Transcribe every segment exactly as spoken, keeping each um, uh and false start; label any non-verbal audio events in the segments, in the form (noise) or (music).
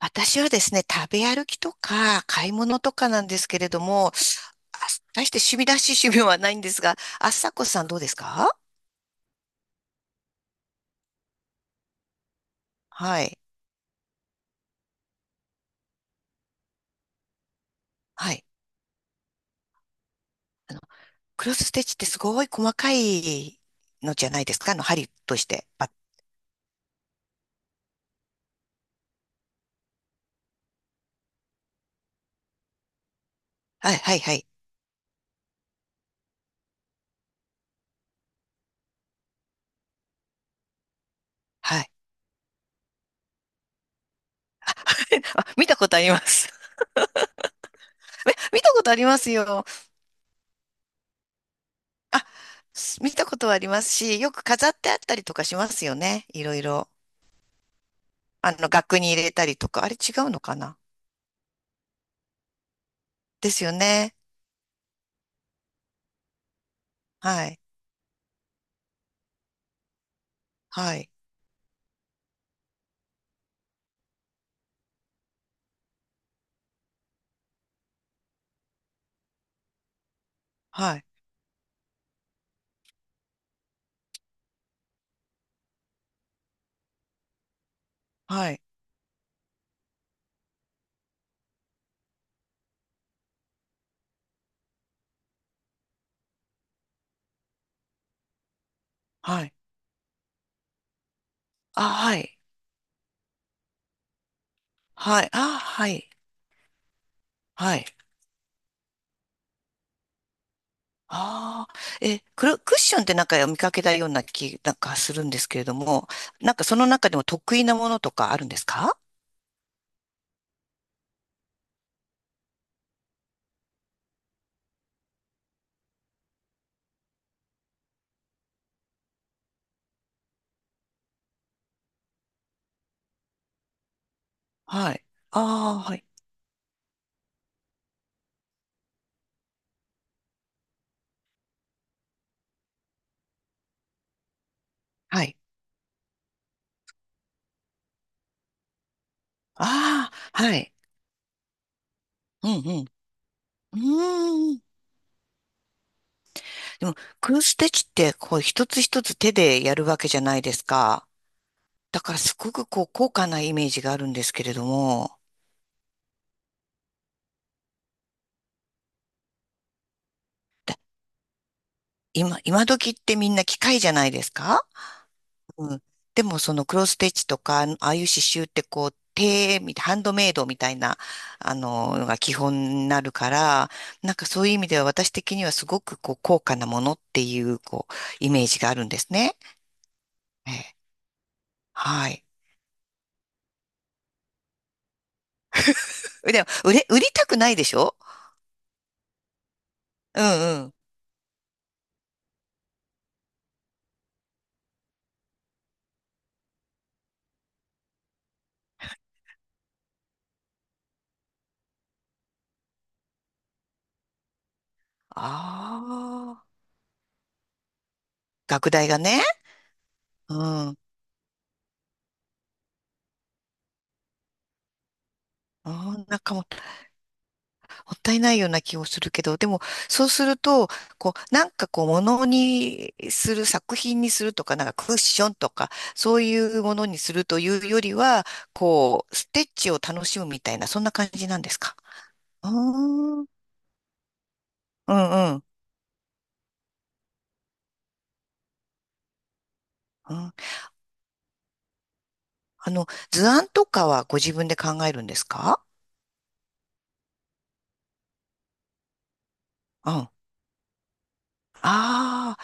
私はですね、食べ歩きとか買い物とかなんですけれども、あ大して趣味らしい趣味はないんですが、あさこさんどうですか？はい。はい。クロスステッチってすごい細かいのじゃないですか？あの、針として。あはい、はい、はい。はい。(laughs) あ、見たことあります。(laughs) え見たことありますよ。あ、す見たことはありますし、よく飾ってあったりとかしますよね。いろいろ。あの、額に入れたりとか。あれ違うのかな？ですよね。はい。はい。はい。はい。はい。あ、はい。はい。あ、はい。はい。ああ。え、クロクッションってなんか見かけたような気なんかするんですけれども、なんかその中でも得意なものとかあるんですか？はい。ああ、はい。はい。ああ、はい。うんうん。うーん。でも、クロスステッチって、こう、一つ一つ手でやるわけじゃないですか。だからすごくこう高価なイメージがあるんですけれども、だ今、今時ってみんな機械じゃないですか？うん。でもそのクロスステッチとか、ああいう刺繍ってこう手みたい、ハンドメイドみたいな、あの、のが基本になるから、なんかそういう意味では私的にはすごくこう高価なものっていう、こう、イメージがあるんですね。ええ、はい。でも、売れ、売りたくないでしょ？うんうん。ああ。学大がね。うん。あん、なんかもうもったいないような気をするけど、でも、そうすると、こう、なんかこう、物にする、作品にするとか、なんかクッションとか、そういうものにするというよりは、こう、ステッチを楽しむみたいな、そんな感じなんですか？うーん、うんうん、うん。あの、図案とかはご自分で考えるんですか？うん。あ、あ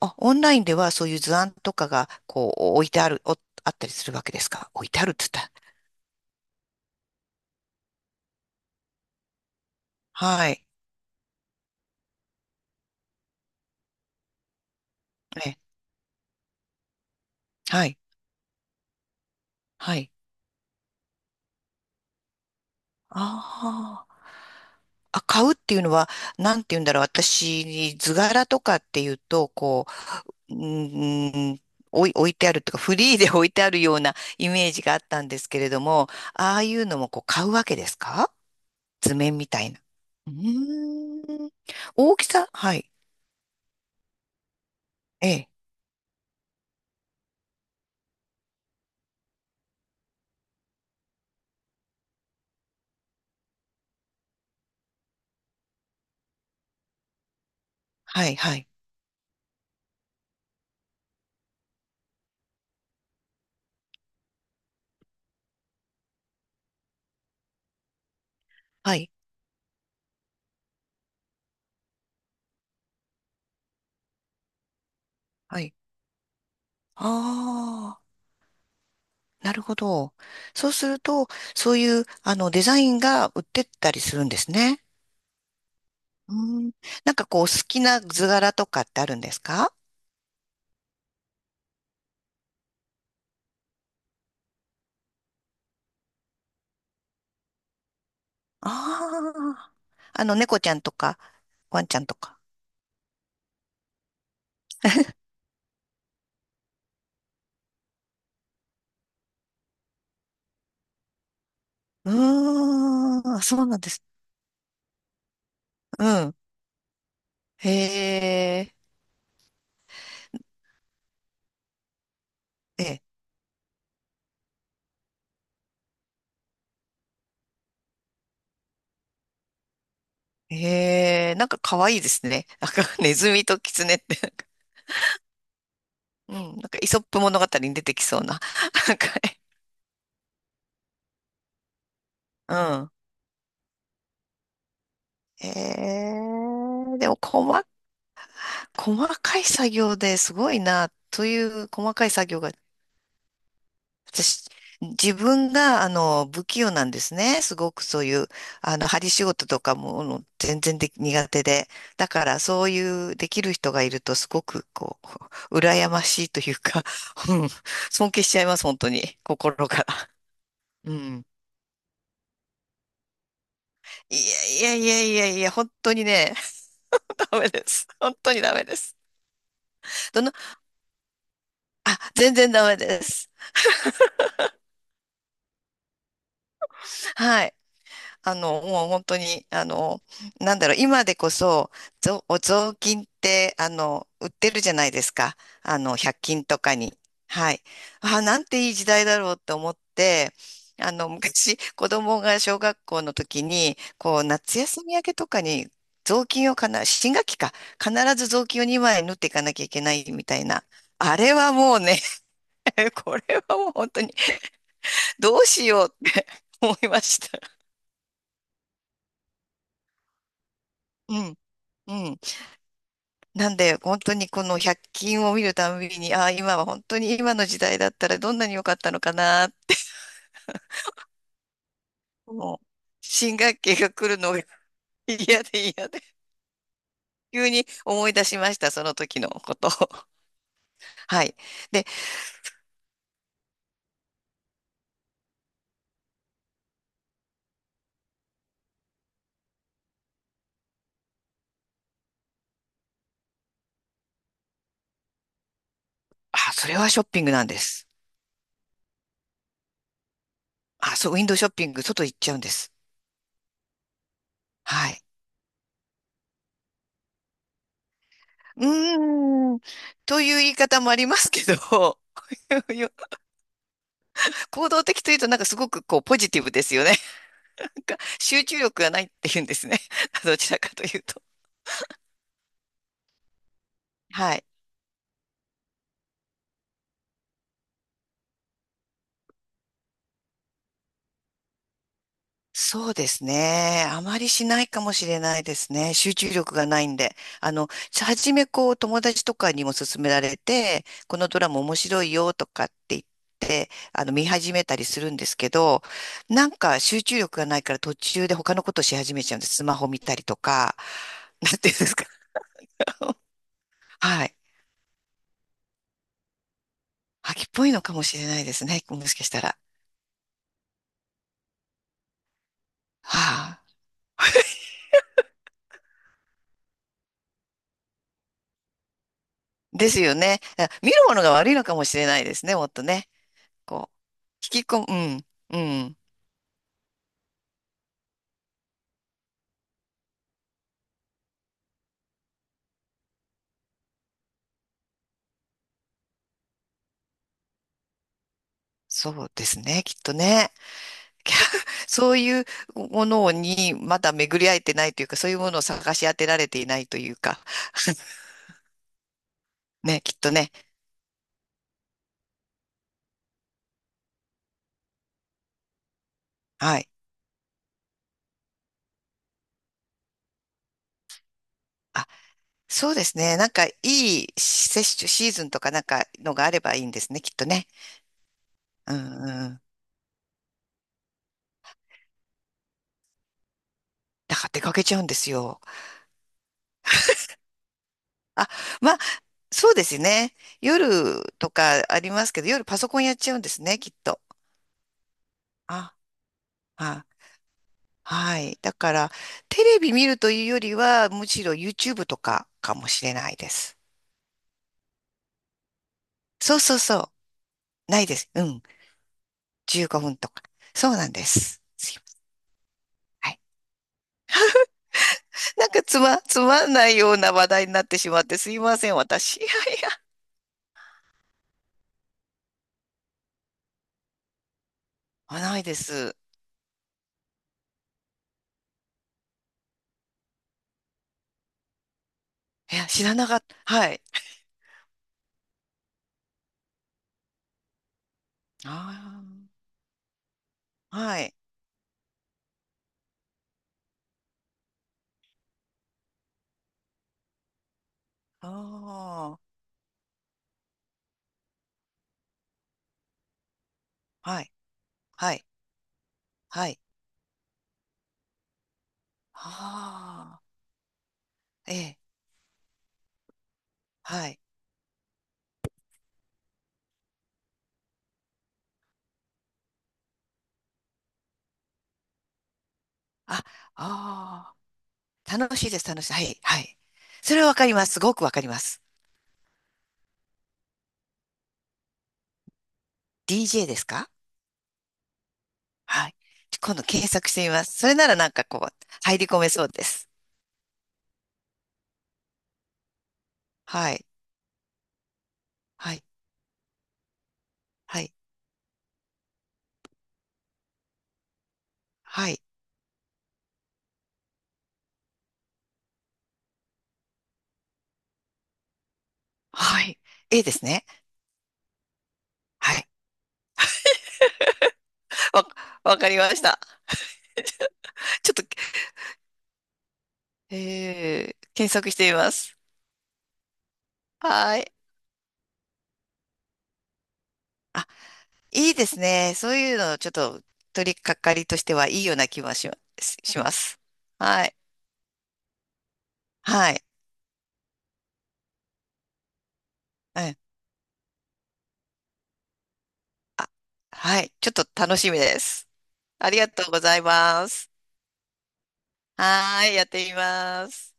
あ、オンラインではそういう図案とかが、こう、置いてある、おあったりするわけですか？置いてあるって言ったら。はい。え、はい。はい。ああ。あ、買うっていうのは、なんて言うんだろう。私、図柄とかっていうと、こう、うーん、おい、置いてあるとか、フリーで置いてあるようなイメージがあったんですけれども、ああいうのもこう買うわけですか？図面みたいな。うーん。大きさはい。ええ。はい、はい。はい、はい。ああ、なるほど。そうすると、そういう、あの、デザインが売ってったりするんですね。うん。なんかこう、好きな図柄とかってあるんですか？ああー、あの、猫ちゃんとか、ワンちゃんとか。うーん、そうなんです。うん。へえ、ええ、へえ、なんか可愛いですね。(laughs) なんか、ネズミとキツネって。うん、なんか、イソップ物語に出てきそうな。なんかね、うん。へえ、でも、細、細かい作業ですごいな、という細かい作業が私、自分が、あの、不器用なんですね。すごくそういう、あの、針仕事とかも、あの全然でき苦手で。だから、そういう、できる人がいると、すごく、こう、(laughs) 羨ましいというか、(laughs) うん、尊敬しちゃいます、本当に。心から。うん。いやいやいやいやいや、本当にね、(laughs) ダメです。本当にダメです。どの、あ、全然ダメです。はい。あの、もう本当に、あの、なんだろう、今でこそ、ぞお雑巾って、あの、売ってるじゃないですか。あの、ひゃっ均とかに。はい。あ、なんていい時代だろうって思って、あの、昔、子供が小学校の時に、こう、夏休み明けとかに、雑巾をかな、新学期か、必ず雑巾をにまい縫っていかなきゃいけないみたいな。あれはもうね。 (laughs) これはもう本当に、どうしようって思いました。うん、うん。なんで、本当にこのひゃっ均を見るたんびに、ああ、今は本当に今の時代だったらどんなに良かったのかな、もう、新学期が来るのが (laughs) 嫌で嫌で、急に思い出しました、その時のことを。(laughs) はい。で、あ、それはショッピングなんです。あ、そう、ウィンドウショッピング、外行っちゃうんです。はい。うーん、という言い方もありますけど、(laughs) 行動的というとなんかすごくこうポジティブですよね。なんか集中力がないっていうんですね。(laughs) どちらかというと。はい。そうですね。あまりしないかもしれないですね。集中力がないんで。あの、初めこう友達とかにも勧められて、このドラマ面白いよとかって言って、あの、見始めたりするんですけど、なんか集中力がないから途中で他のことし始めちゃうんです。スマホ見たりとか、(laughs) なんていうんですか。(laughs) はい。飽きっぽいのかもしれないですね。もしかしたら。はあ。ですよね。あ見るものが悪いのかもしれないですね。もっとね。こう、引き込む。うん。うん。そうですね、きっとね。(laughs) きゃそういうものにまだ巡り合えてないというか、そういうものを探し当てられていないというか、ね、きっとね。はい。あ、そうですね。なんかいい接種シーズンとかなんかのがあればいいんですね、きっとね。うんうん。だから出かけちゃうんですよ。あ、まあ、そうですね。夜とかありますけど、夜パソコンやっちゃうんですね、きっと。あ、はい、はい。だから、テレビ見るというよりは、むしろ YouTube とかかもしれないです。そうそうそう。ないです。うん。じゅうごふんとか。そうなんです。すいません。はい。なんかつま、つまんないような話題になってしまってすいません、私。いやいや。まあ、ないです。いや、知らなかった。はい。ああ。はい。ああ。はい。はい。はい。ああ。ええ。はい。あ、ああ。楽しいです、楽しい。はい、はい。それはわかります。すごくわかります。ディージェー ですか？はい。今度検索してみます。それならなんかこう、入り込めそうです。はい。はい。はい。はい。はい。A ですね。はい。わ、わかりました。ちょっと、えー、検索してみます。はい。あ、いいですね。そういうの、ちょっと、取り掛かりとしてはいいような気はします。します。はい。はい。うん。はい。ちょっと楽しみです。ありがとうございます。はーい、やってみます。